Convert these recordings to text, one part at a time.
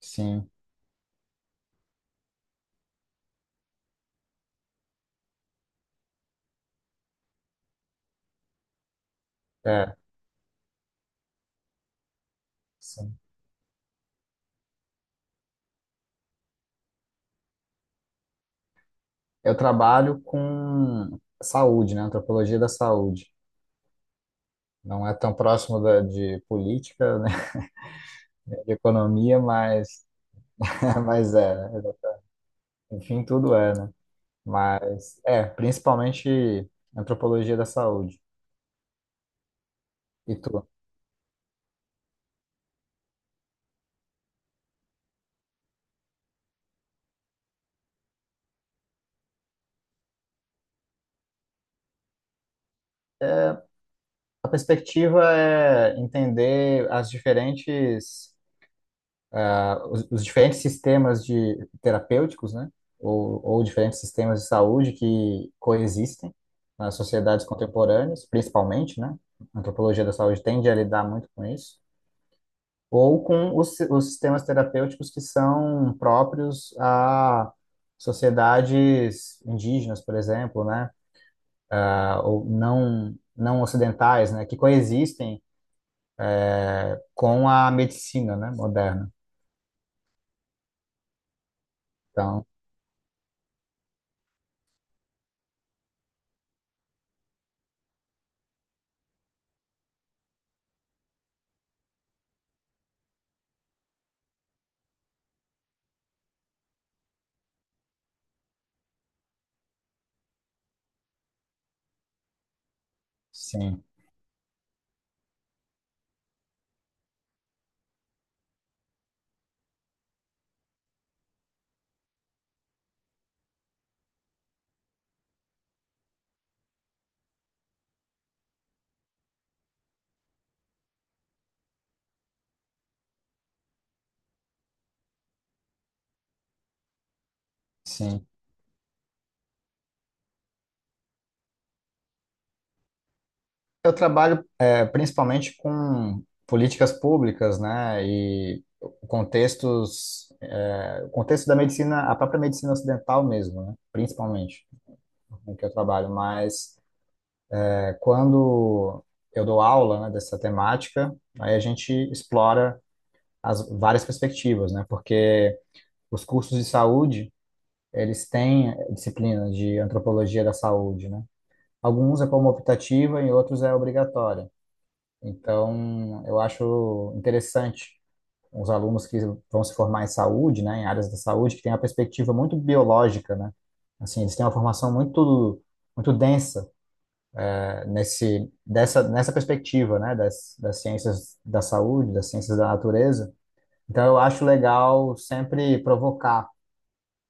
Sim, é, sim. Eu trabalho com saúde, né? Antropologia da saúde. Não é tão próximo de política, né? De economia, mas, mas é, né? Enfim, tudo é, né? Mas é, principalmente antropologia da saúde. E tu? A perspectiva é entender as diferentes ah, os diferentes sistemas de terapêuticos, né, ou diferentes sistemas de saúde que coexistem nas sociedades contemporâneas, principalmente, né, a antropologia da saúde tende a lidar muito com isso, ou com os sistemas terapêuticos que são próprios a sociedades indígenas, por exemplo, né, ou não ocidentais, né, que coexistem com a medicina, né, moderna. Então, sim, sim. Eu trabalho principalmente com políticas públicas, né, e o contexto da medicina, a própria medicina ocidental mesmo, né, principalmente, com que eu trabalho. Mas quando eu dou aula, né, dessa temática, aí a gente explora as várias perspectivas, né, porque os cursos de saúde, eles têm disciplina de antropologia da saúde, né. Alguns é como optativa e outros é obrigatória. Então, eu acho interessante os alunos que vão se formar em saúde, né, em áreas da saúde, que têm uma perspectiva muito biológica, né? Assim, eles têm uma formação muito muito densa eh, nesse dessa nessa perspectiva, né, das, das ciências da saúde, das ciências da natureza. Então, eu acho legal sempre provocar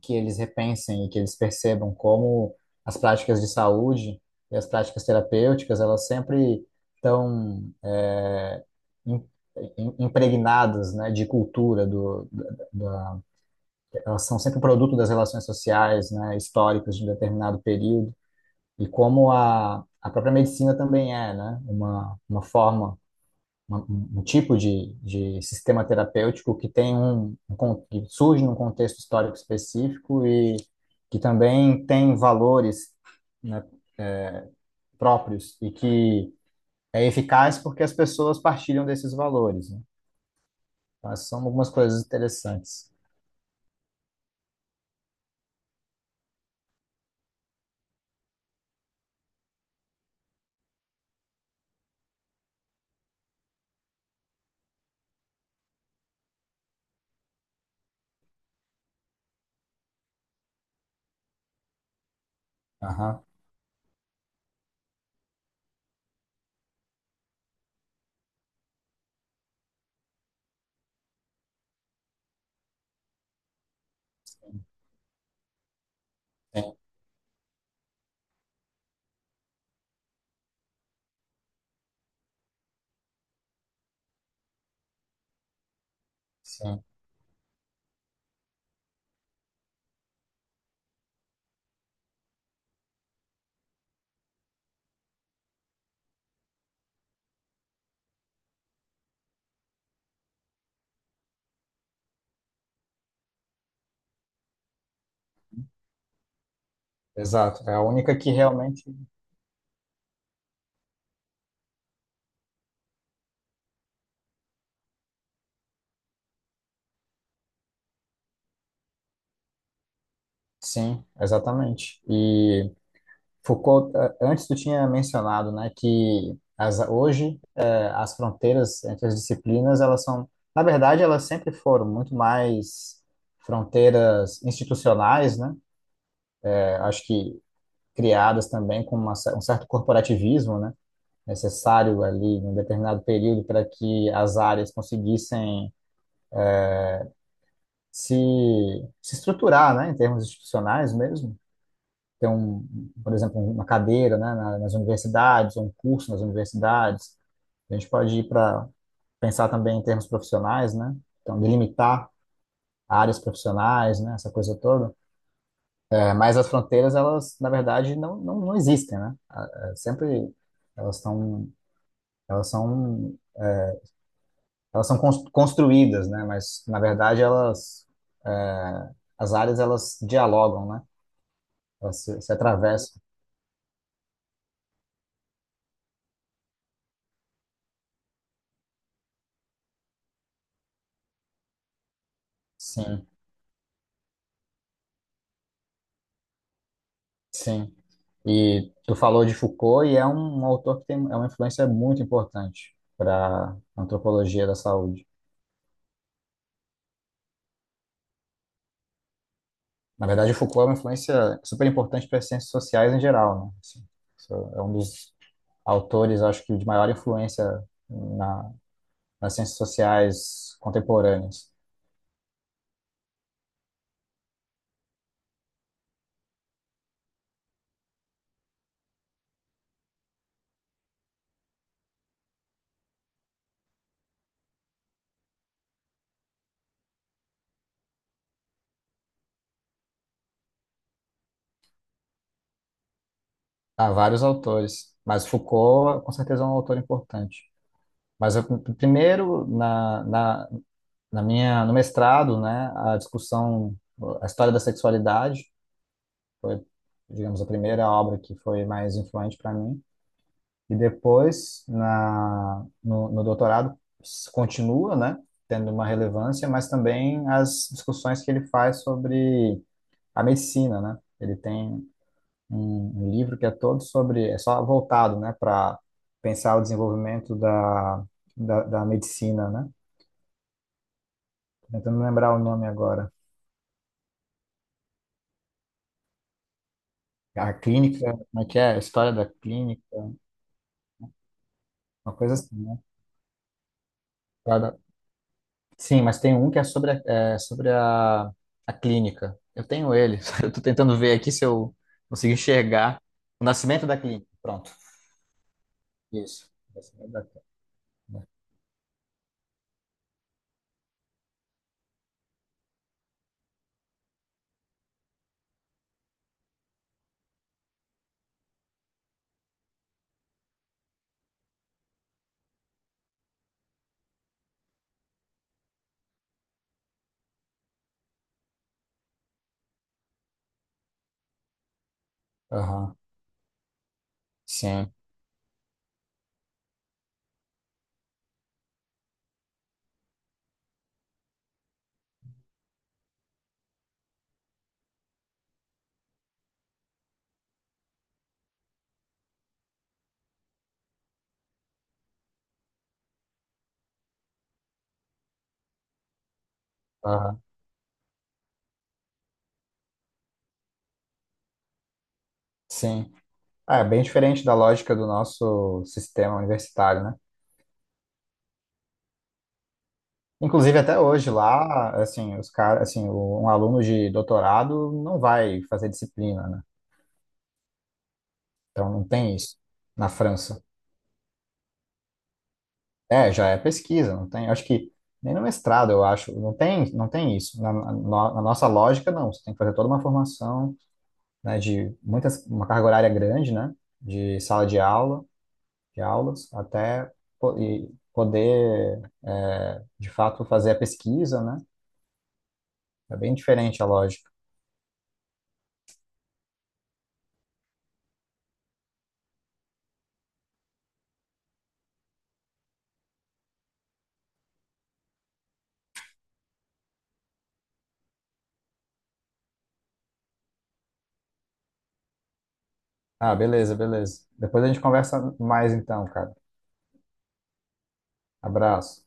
que eles repensem e que eles percebam como as práticas de saúde e as práticas terapêuticas, elas sempre estão im- impregnadas, né, de cultura, da- elas são sempre produto das relações sociais, né, históricas de um determinado período, e como a própria medicina também é, né, uma forma um tipo de sistema terapêutico que tem um que surge num contexto histórico específico e que também tem valores, né, próprios e que é eficaz porque as pessoas partilham desses valores, né? Então, essas são algumas coisas interessantes. Aham. Sim, sim, exato. É a única que realmente. Sim, exatamente. E Foucault, antes tu tinha mencionado, né, que as, hoje as fronteiras entre as disciplinas, elas são, na verdade, elas sempre foram muito mais fronteiras institucionais, né? É, acho que criadas também com um certo corporativismo, né? Necessário ali em um determinado período para que as áreas conseguissem se, se estruturar, né? Em termos institucionais mesmo. Ter um, por exemplo, uma cadeira, né? Nas universidades, um curso nas universidades. A gente pode ir para pensar também em termos profissionais, né? Então, delimitar áreas profissionais, né, essa coisa toda. É, mas as fronteiras, elas, na verdade, não, não, não existem, né? Ah, é, sempre elas estão, elas são, elas são construídas, né? Mas, na verdade, elas, é, as áreas, elas dialogam, né? Elas se atravessam. Sim, sim. E tu falou de Foucault e é um autor que tem, é uma influência muito importante para a antropologia da saúde. Na verdade, o Foucault é uma influência super importante para as ciências sociais em geral, né? Assim, isso é um dos autores, acho que, de maior influência na, nas ciências sociais contemporâneas. Há vários autores, mas Foucault, com certeza, é um autor importante. Mas eu, primeiro, no mestrado, né, a discussão, a História da Sexualidade foi, digamos, a primeira obra que foi mais influente para mim. E depois, na, no, no doutorado, continua, né, tendo uma relevância, mas também as discussões que ele faz sobre a medicina, né? Ele tem um livro que é todo sobre, é só voltado, né, para pensar o desenvolvimento da medicina, né? Tô tentando lembrar o nome agora. A clínica, como é que é? A história da clínica, uma coisa assim, né? Sim, mas tem um que é, sobre a clínica. Eu tenho ele. Eu tô tentando ver aqui se eu consigo enxergar o nascimento da clínica. Pronto. Isso. O Nascimento da Clínica, né? Aham. Sim. Aham. Sim. Ah, é bem diferente da lógica do nosso sistema universitário, né? Inclusive, até hoje lá, assim, os caras, assim, um aluno de doutorado não vai fazer disciplina, né? Então, não tem isso na França. É, já é pesquisa, não tem. Acho que nem no mestrado, eu acho, não tem, não tem isso. Na nossa lógica, não. Você tem que fazer toda uma formação, né, de muitas, uma carga horária grande, né, de sala de aula, de aulas, até e poder, é, de fato, fazer a pesquisa, né? É bem diferente a lógica. Ah, beleza, beleza. Depois a gente conversa mais então, cara. Abraço.